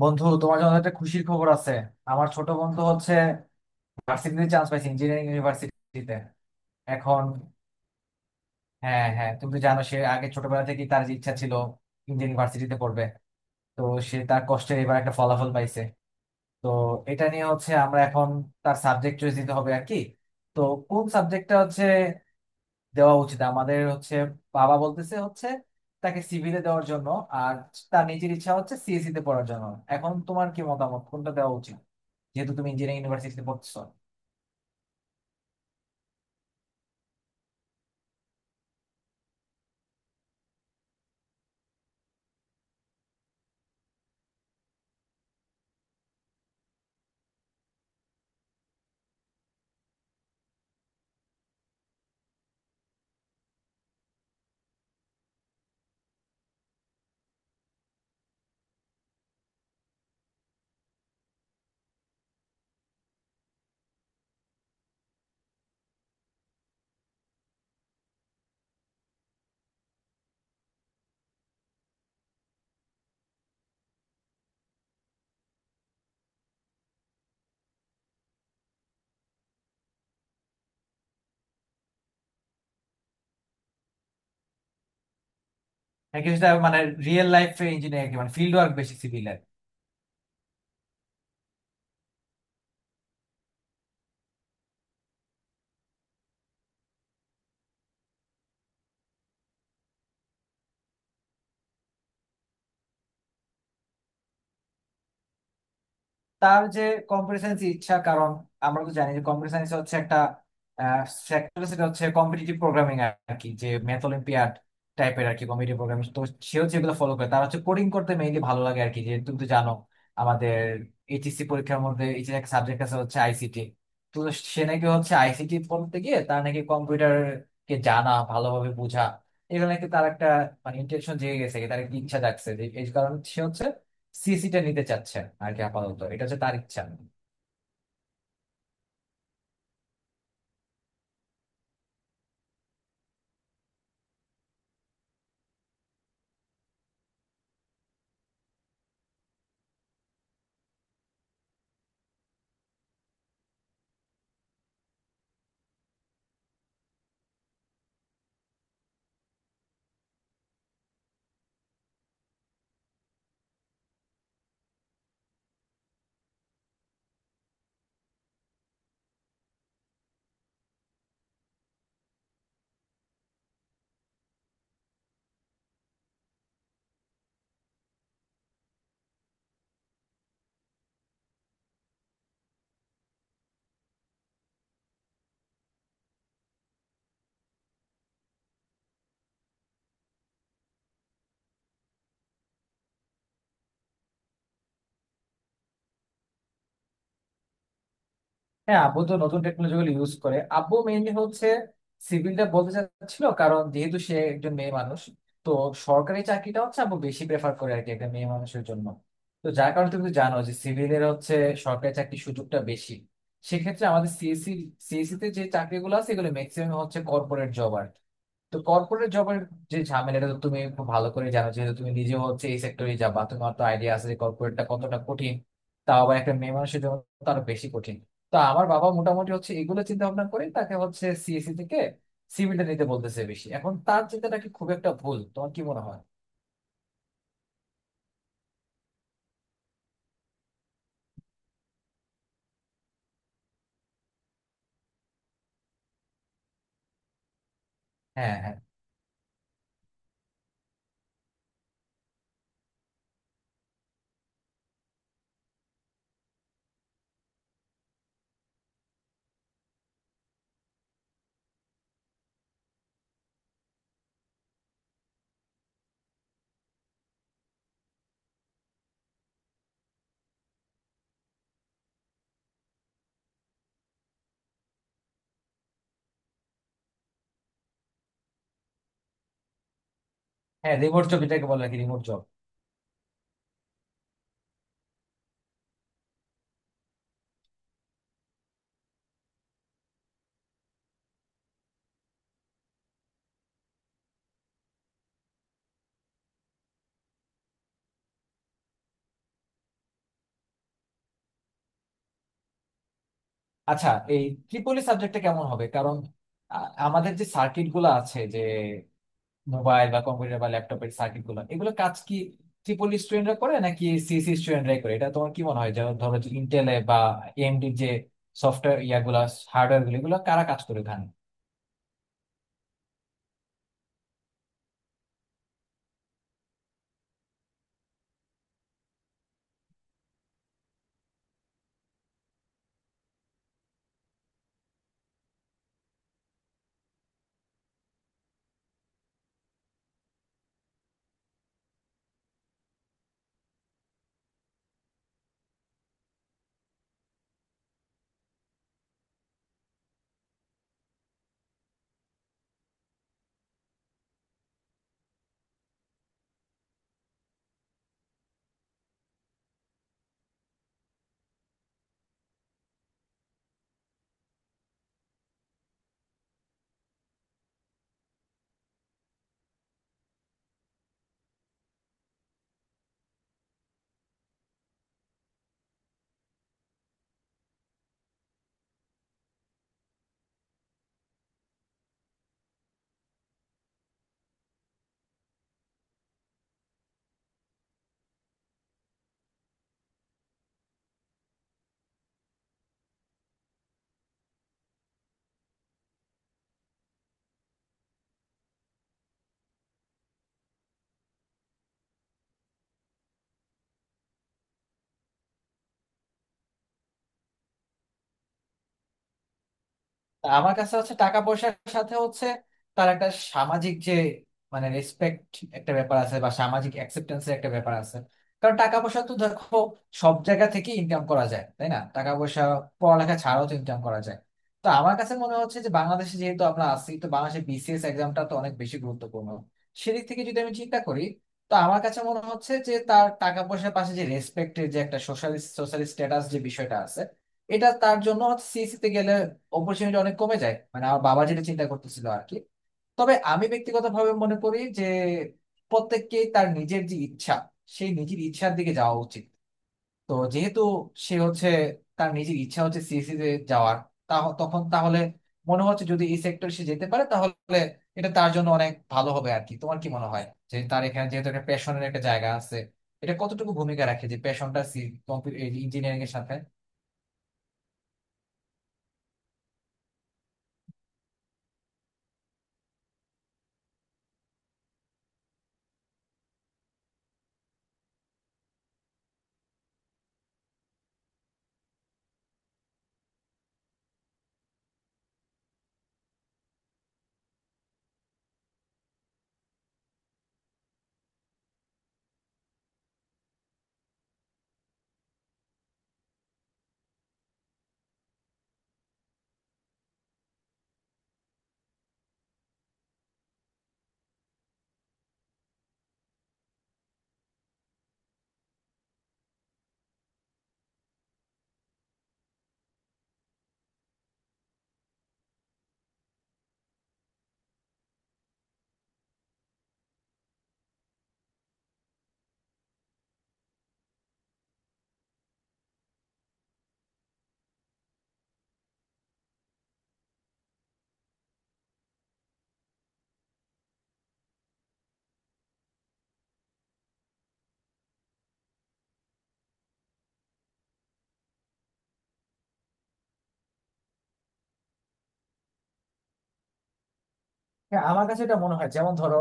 বন্ধু, তোমার জন্য একটা খুশির খবর আছে। আমার ছোট বন্ধু হচ্ছে ভার্সিটিতে চান্স পাইছে, ইঞ্জিনিয়ারিং ইউনিভার্সিটিতে। এখন হ্যাঁ হ্যাঁ, তুমি তো জানো সে আগে ছোটবেলা থেকেই তার যে ইচ্ছা ছিল ইঞ্জিনিয়ারিং ভার্সিটিতে পড়বে। তো সে তার কষ্টে এবার একটা ফলাফল পাইছে। তো এটা নিয়ে হচ্ছে আমরা এখন তার সাবজেক্ট চয়েস দিতে হবে আর কি। তো কোন সাবজেক্টটা হচ্ছে দেওয়া উচিত আমাদের হচ্ছে, বাবা বলতেছে হচ্ছে তাকে সিভিলে দেওয়ার জন্য, আর তার নিজের ইচ্ছা হচ্ছে সিএসসি তে পড়ার জন্য। এখন তোমার কি মতামত কোনটা দেওয়া উচিত, যেহেতু তুমি ইঞ্জিনিয়ারিং ইউনিভার্সিটিতে পড়ছো? নাকি সেটা মানে রিয়েল লাইফে ইঞ্জিনিয়ারিং মানে ফিল্ড ওয়ার্ক বেশি সিভিলের? তার যে কম্পিউটার ইচ্ছা, কারণ আমরা তো জানি যে কম্পিউটার সায়েন্স হচ্ছে একটা সেক্টর, সেটা হচ্ছে কম্পিটিটিভ প্রোগ্রামিং আর কি, যে ম্যাথ অলিম্পিয়াড টাইপের আর কি, কম্পিটিটিভ প্রোগ্রামিং। তো সে হচ্ছে এগুলো ফলো করে, তার হচ্ছে কোডিং করতে মেইনলি ভালো লাগে আর কি। যে তুমি তো জানো আমাদের এইচএসসি পরীক্ষার মধ্যে এই যে একটা সাবজেক্ট আছে হচ্ছে আইসিটি। তো সে নাকি হচ্ছে আইসিটি পড়তে গিয়ে তার নাকি কম্পিউটারকে জানা, ভালোভাবে বোঝা, এগুলো নাকি তার একটা মানে ইন্টেনশন জেগে গেছে, তার একটা ইচ্ছা জাগছে। যে এই কারণে সে হচ্ছে সিএসিটা নিতে চাচ্ছে আর কি। আপাতত এটা হচ্ছে তার ইচ্ছা। হ্যাঁ, আব্বু তো নতুন টেকনোলজি গুলো ইউজ করে, আব্বু মেইনলি হচ্ছে সিভিলটা বলতে চাচ্ছিল, কারণ যেহেতু সে একজন মেয়ে মানুষ। তো সরকারি চাকরিটা হচ্ছে আব্বু বেশি প্রেফার করে আর কি, একটা মেয়ে মানুষের জন্য। তো যার কারণে তুমি তো জানো যে সিভিলের হচ্ছে সরকারি চাকরির সুযোগটা বেশি। সেক্ষেত্রে আমাদের সিএসসি, সিএসসি তে যে চাকরিগুলো আছে, এগুলো ম্যাক্সিমাম হচ্ছে কর্পোরেট জব আর কি। তো কর্পোরেট জবের যে ঝামেলাটা তো তুমি খুব ভালো করে জানো, যেহেতু তুমি নিজে হচ্ছে এই সেক্টরে যাবা, তোমার তো আইডিয়া আছে যে কর্পোরেটটা কতটা কঠিন, তাও আবার একটা মেয়ে মানুষের জন্য তো আরো বেশি কঠিন। তা আমার বাবা মোটামুটি হচ্ছে এগুলো চিন্তা ভাবনা করে তাকে হচ্ছে সিএসসি থেকে সিভিলটা নিতে বলতেছে বেশি। এখন তার চিন্তাটা কি খুব একটা ভুল, তোমার কি মনে হয়? হ্যাঁ হ্যাঁ। হ্যাঁ, রিমোট জব এটাকে বলে নাকি, রিমোট জব? আচ্ছা, এই ত্রিপলি সাবজেক্টটা কেমন হবে? কারণ আ- আমাদের যে সার্কিট গুলো আছে, যে মোবাইল বা কম্পিউটার বা ল্যাপটপের সার্কিট গুলো, এগুলো কাজ কি ত্রিপলি স্টুডেন্টরা করে নাকি সিএসসি স্টুডেন্টরাই করে, এটা তোমার কি মনে হয়? যেমন ধরো যে ইন্টেলে বা এএমডি যে সফটওয়্যার ইয়াগুলা, হার্ডওয়্যার গুলো, এগুলো কারা কাজ করে ওখানে? আমার কাছে হচ্ছে টাকা পয়সার সাথে হচ্ছে তার একটা সামাজিক যে মানে রেসপেক্ট, একটা ব্যাপার আছে, বা সামাজিক অ্যাকসেপ্টেন্স একটা ব্যাপার আছে। কারণ টাকা পয়সা তো দেখো সব জায়গা থেকে ইনকাম করা যায়, তাই না? টাকা পয়সা পড়ালেখা ছাড়াও তো ইনকাম করা যায়। তো আমার কাছে মনে হচ্ছে যে বাংলাদেশে যেহেতু আমরা আছি, তো বাংলাদেশে বিসিএস এক্সামটা তো অনেক বেশি গুরুত্বপূর্ণ। সেদিক থেকে যদি আমি চিন্তা করি, তো আমার কাছে মনে হচ্ছে যে তার টাকা পয়সার পাশে যে রেসপেক্টের যে একটা সোশ্যাল, স্ট্যাটাস যে বিষয়টা আছে, এটা তার জন্য সিএসসি তে গেলে অপরচুনিটি অনেক কমে যায়, মানে আমার বাবা যেটা চিন্তা করতেছিল আর কি। তবে আমি ব্যক্তিগতভাবে মনে করি যে প্রত্যেককেই তার নিজের যে ইচ্ছা, সেই নিজের ইচ্ছার দিকে যাওয়া উচিত। তো যেহেতু সে হচ্ছে, তার নিজের ইচ্ছা হচ্ছে সিএসসি তে যাওয়ার, তখন তাহলে মনে হচ্ছে যদি এই সেক্টরে সে যেতে পারে তাহলে এটা তার জন্য অনেক ভালো হবে আর কি। তোমার কি মনে হয় যে তার এখানে যেহেতু একটা প্যাশনের একটা জায়গা আছে, এটা কতটুকু ভূমিকা রাখে, যে প্যাশনটা ইঞ্জিনিয়ারিং এর সাথে? হ্যাঁ, আমার কাছে এটা মনে হয়, যেমন ধরো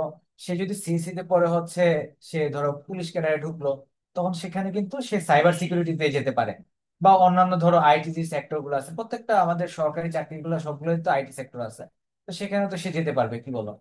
সে যদি সিএসসি তে পরে হচ্ছে, সে ধরো পুলিশ ক্যাডারে ঢুকলো, তখন সেখানে কিন্তু সে সাইবার সিকিউরিটিতে যেতে পারে, বা অন্যান্য ধরো আইটি যে সেক্টর গুলো আছে প্রত্যেকটা, আমাদের সরকারি চাকরিগুলো সবগুলোই তো আইটি সেক্টর আছে। তো সেখানে তো সে যেতে পারবে, কি বলো?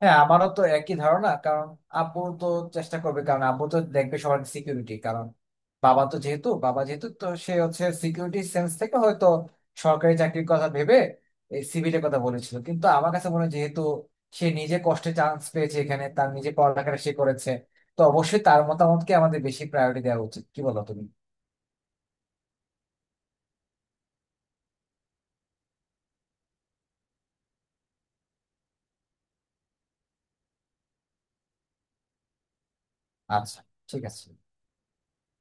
হ্যাঁ, আমারও তো একই ধারণা। কারণ আব্বু তো চেষ্টা করবে, কারণ আব্বু তো দেখবে সবার সিকিউরিটি। কারণ বাবা তো যেহেতু, বাবা যেহেতু তো সে হচ্ছে সিকিউরিটি সেন্স থেকে হয়তো সরকারি চাকরির কথা ভেবে এই সিভিলের কথা বলেছিল। কিন্তু আমার কাছে মনে হয় যেহেতু সে নিজে কষ্টে চান্স পেয়েছে এখানে, তার নিজে পড়ালেখাটা সে করেছে, তো অবশ্যই তার মতামতকে আমাদের বেশি প্রায়োরিটি দেওয়া উচিত, কি বলো তুমি? আচ্ছা, ঠিক আছে।